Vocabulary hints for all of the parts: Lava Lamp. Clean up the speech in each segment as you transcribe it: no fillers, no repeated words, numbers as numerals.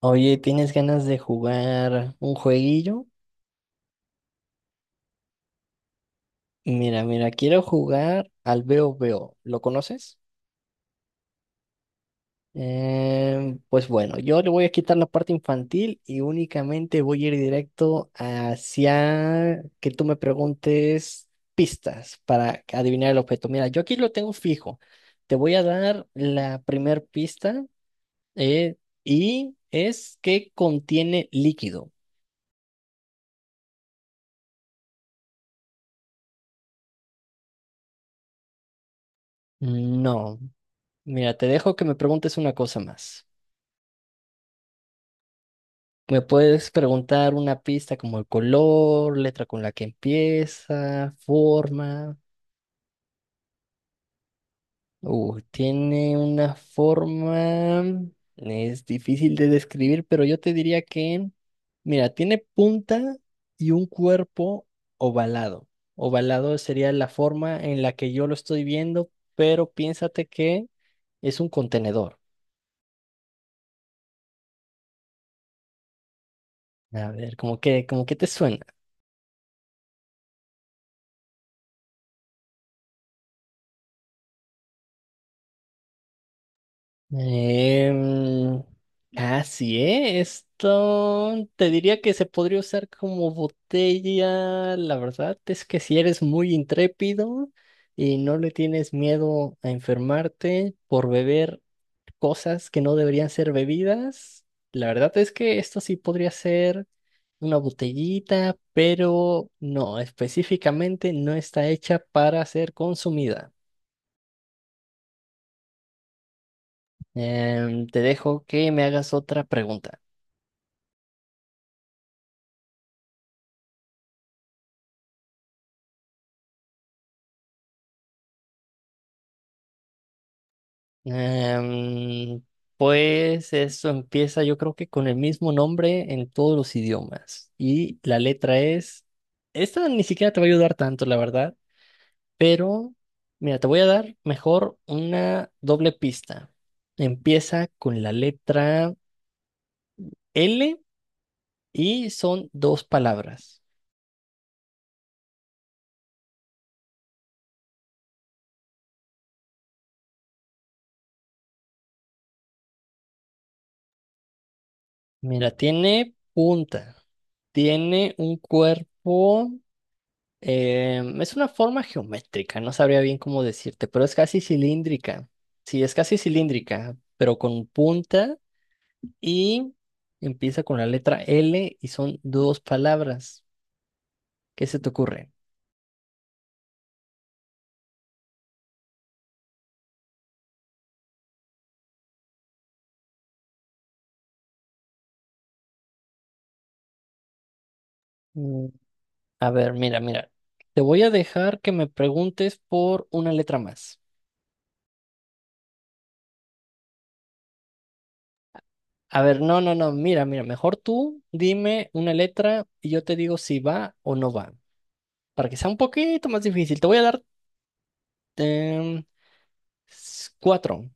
Oye, ¿tienes ganas de jugar un jueguillo? Mira, mira, quiero jugar al Veo Veo. ¿Lo conoces? Pues bueno, yo le voy a quitar la parte infantil y únicamente voy a ir directo hacia que tú me preguntes pistas para adivinar el objeto. Mira, yo aquí lo tengo fijo. Te voy a dar la primer pista eh, y es que contiene líquido. No, mira, te dejo que me preguntes una cosa más. ¿Me puedes preguntar una pista como el color, letra con la que empieza, forma? Tiene una forma, es difícil de describir, pero yo te diría que, mira, tiene punta y un cuerpo ovalado. Ovalado sería la forma en la que yo lo estoy viendo, pero piénsate que es un contenedor. A ver, ¿cómo que, como que te suena? Em, Casi, ¿eh? Esto te diría que se podría usar como botella. La verdad es que si eres muy intrépido y no le tienes miedo a enfermarte por beber cosas que no deberían ser bebidas, la verdad es que esto sí podría ser una botellita, pero no, específicamente no está hecha para ser consumida. Te dejo que me hagas otra pregunta. Em, pues eso empieza, yo creo que con el mismo nombre en todos los idiomas. Y la letra es. Esta ni siquiera te va a ayudar tanto, la verdad. Pero, mira, te voy a dar mejor una doble pista. Empieza con la letra L y son dos palabras. Mira, tiene punta, tiene un cuerpo. Es una forma geométrica, no sabría bien cómo decirte, pero es casi cilíndrica. Sí, es casi cilíndrica, pero con punta y empieza con la letra L y son dos palabras. ¿Qué se te ocurre? Mm, A ver, mira, mira. Te voy a dejar que me preguntes por una letra más. A ver, no, no, no, mira, mira, mejor tú dime una letra y yo te digo si va o no va. Para que sea un poquito más difícil, te voy a dar em, cuatro.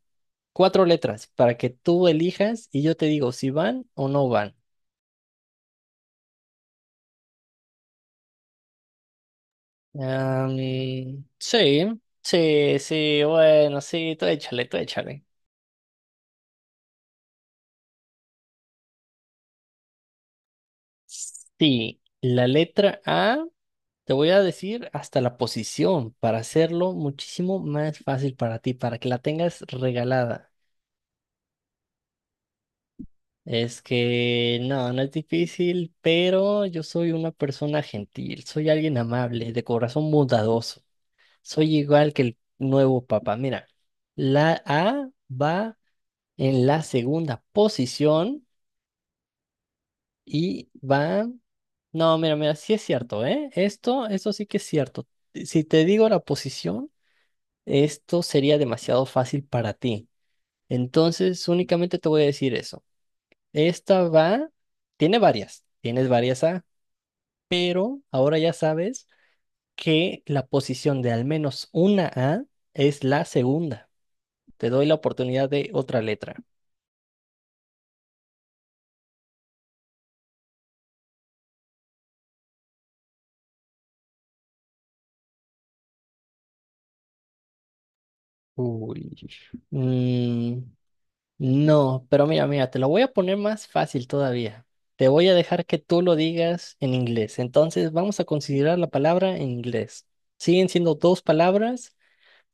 Cuatro letras para que tú elijas y yo te digo si van o no van. Am, sí, sí, sí, bueno, sí, tú échale, tú échale. Sí, la letra A, te voy a decir hasta la posición para hacerlo muchísimo más fácil para ti, para que la tengas regalada. Es que no, no es difícil, pero yo soy una persona gentil, soy alguien amable, de corazón bondadoso. Soy igual que el nuevo papa. Mira, la A va en la segunda posición y va... No, mira, mira, sí es cierto, ¿eh? Esto sí que es cierto. Si te digo la posición, esto sería demasiado fácil para ti. Entonces, únicamente te voy a decir eso. Esta va, tiene varias, tienes varias A, pero ahora ya sabes que la posición de al menos una A es la segunda. Te doy la oportunidad de otra letra. Uy. Mm, no, pero mira, mira, te lo voy a poner más fácil todavía. Te voy a dejar que tú lo digas en inglés. Entonces vamos a considerar la palabra en inglés. Siguen siendo dos palabras,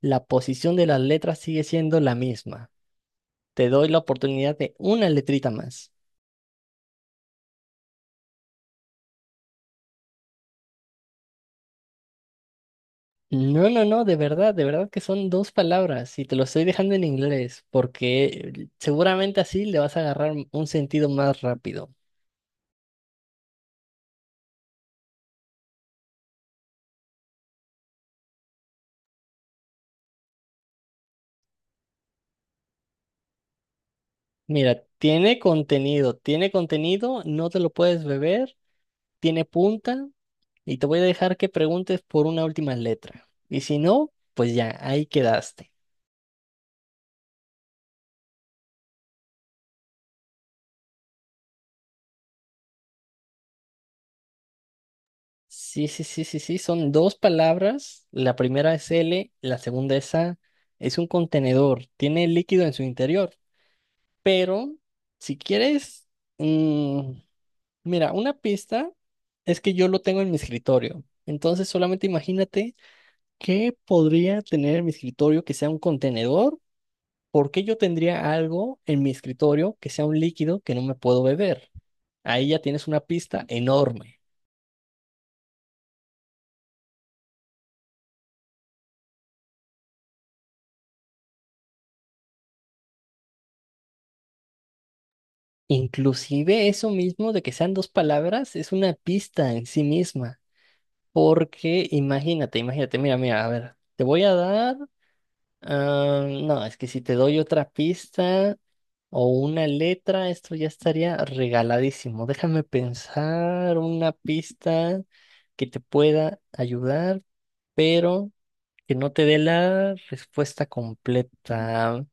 la posición de las letras sigue siendo la misma. Te doy la oportunidad de una letrita más. No, no, no, de verdad que son dos palabras y te lo estoy dejando en inglés porque seguramente así le vas a agarrar un sentido más rápido. Mira, tiene contenido, no te lo puedes beber, tiene punta y te voy a dejar que preguntes por una última letra. Y si no, pues ya, ahí quedaste. Sí, sí, sí, sí, sí, son dos palabras, la primera es L, la segunda es A, es un contenedor, tiene líquido en su interior, pero si quieres, mm, mira, una pista es que yo lo tengo en mi escritorio, entonces solamente imagínate ¿qué podría tener en mi escritorio que sea un contenedor? ¿Por qué yo tendría algo en mi escritorio que sea un líquido que no me puedo beber? Ahí ya tienes una pista enorme. Inclusive eso mismo de que sean dos palabras es una pista en sí misma. Porque imagínate, imagínate, mira, mira, a ver, te voy a dar Ah, no, es que si te doy otra pista o una letra, esto ya estaría regaladísimo. Déjame pensar una pista que te pueda ayudar, pero que no te dé la respuesta completa.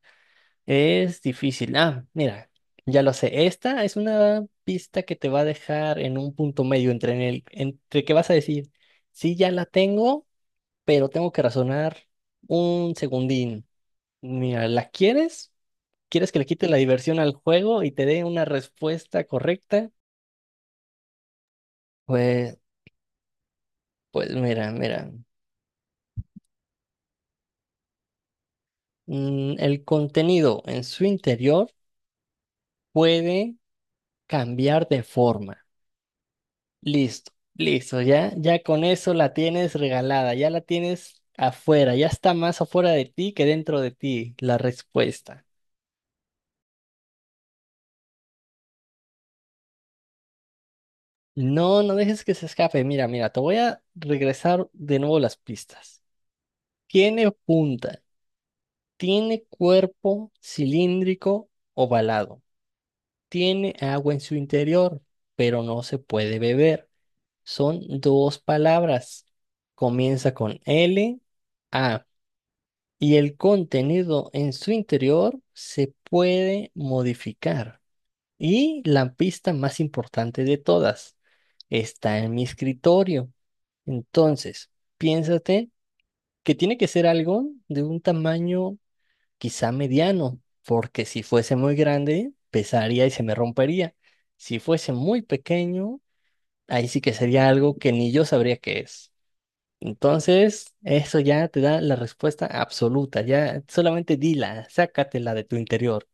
Es difícil. Ah, mira, ya lo sé. Esta es una pista que te va a dejar en un punto medio entre, en el, entre que vas a decir, sí, ya la tengo, pero tengo que razonar un segundín. Mira, ¿la quieres? ¿Quieres que le quite la diversión al juego y te dé una respuesta correcta? Pues, pues mira, mira. El contenido en su interior puede cambiar de forma. Listo, listo, ya, ya con eso la tienes regalada, ya la tienes afuera, ya está más afuera de ti que dentro de ti la respuesta. No, no dejes que se escape. Mira, mira, te voy a regresar de nuevo las pistas. Tiene punta. Tiene cuerpo cilíndrico ovalado. Tiene agua en su interior, pero no se puede beber. Son dos palabras. Comienza con L, A. Y el contenido en su interior se puede modificar. Y la pista más importante de todas está en mi escritorio. Entonces, piénsate que tiene que ser algo de un tamaño quizá mediano, porque si fuese muy grande, pesaría y se me rompería. Si fuese muy pequeño, ahí sí que sería algo que ni yo sabría qué es. Entonces, eso ya te da la respuesta absoluta, ya solamente dila, sácatela de tu interior.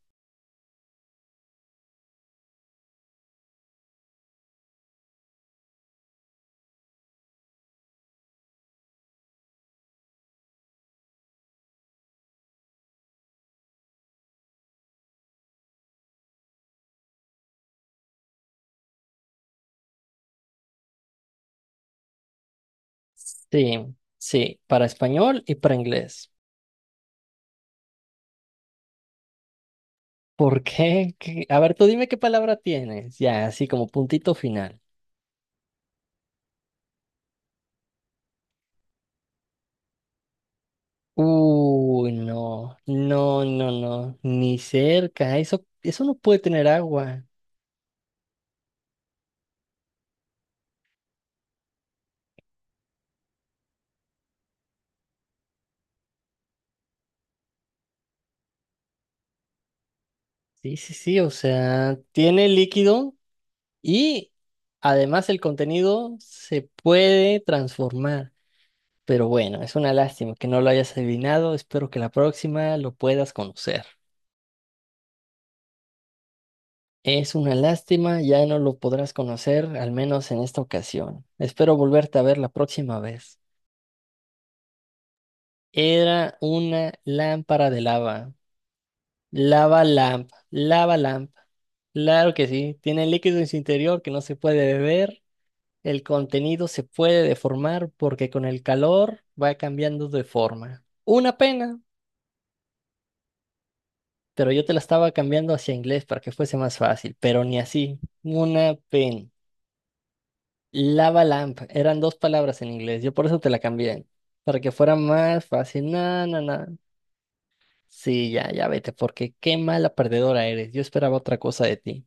Sí, sí, para español y para inglés. ¿Por qué? ¿Qué? A ver, tú dime qué palabra tienes, ya, así como puntito final. Uy, no, no, no, no, ni cerca, eso no puede tener agua. Sí, sí, sí, o sea, tiene líquido y además el contenido se puede transformar. Pero bueno, es una lástima que no lo hayas adivinado, espero que la próxima lo puedas conocer. Es una lástima, ya no lo podrás conocer, al menos en esta ocasión. Espero volverte a ver la próxima vez. Era una lámpara de lava. Lava Lamp, Lava Lamp. Claro que sí, tiene líquido en su interior que no se puede beber. El contenido se puede deformar porque con el calor va cambiando de forma. Una pena, pero yo te la estaba cambiando hacia inglés para que fuese más fácil, pero ni así. Una pena. Lava lamp, eran dos palabras en inglés, yo por eso te la cambié, para que fuera más fácil. No, no, no. Sí, ya, ya vete, porque qué mala perdedora eres. Yo esperaba otra cosa de ti.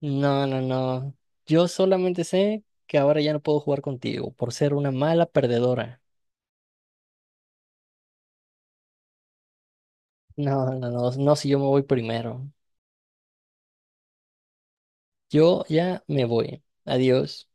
No, no, no. Yo solamente sé que ahora ya no puedo jugar contigo por ser una mala perdedora. No, no, no, no si yo me voy primero. Yo ya me voy. Adiós.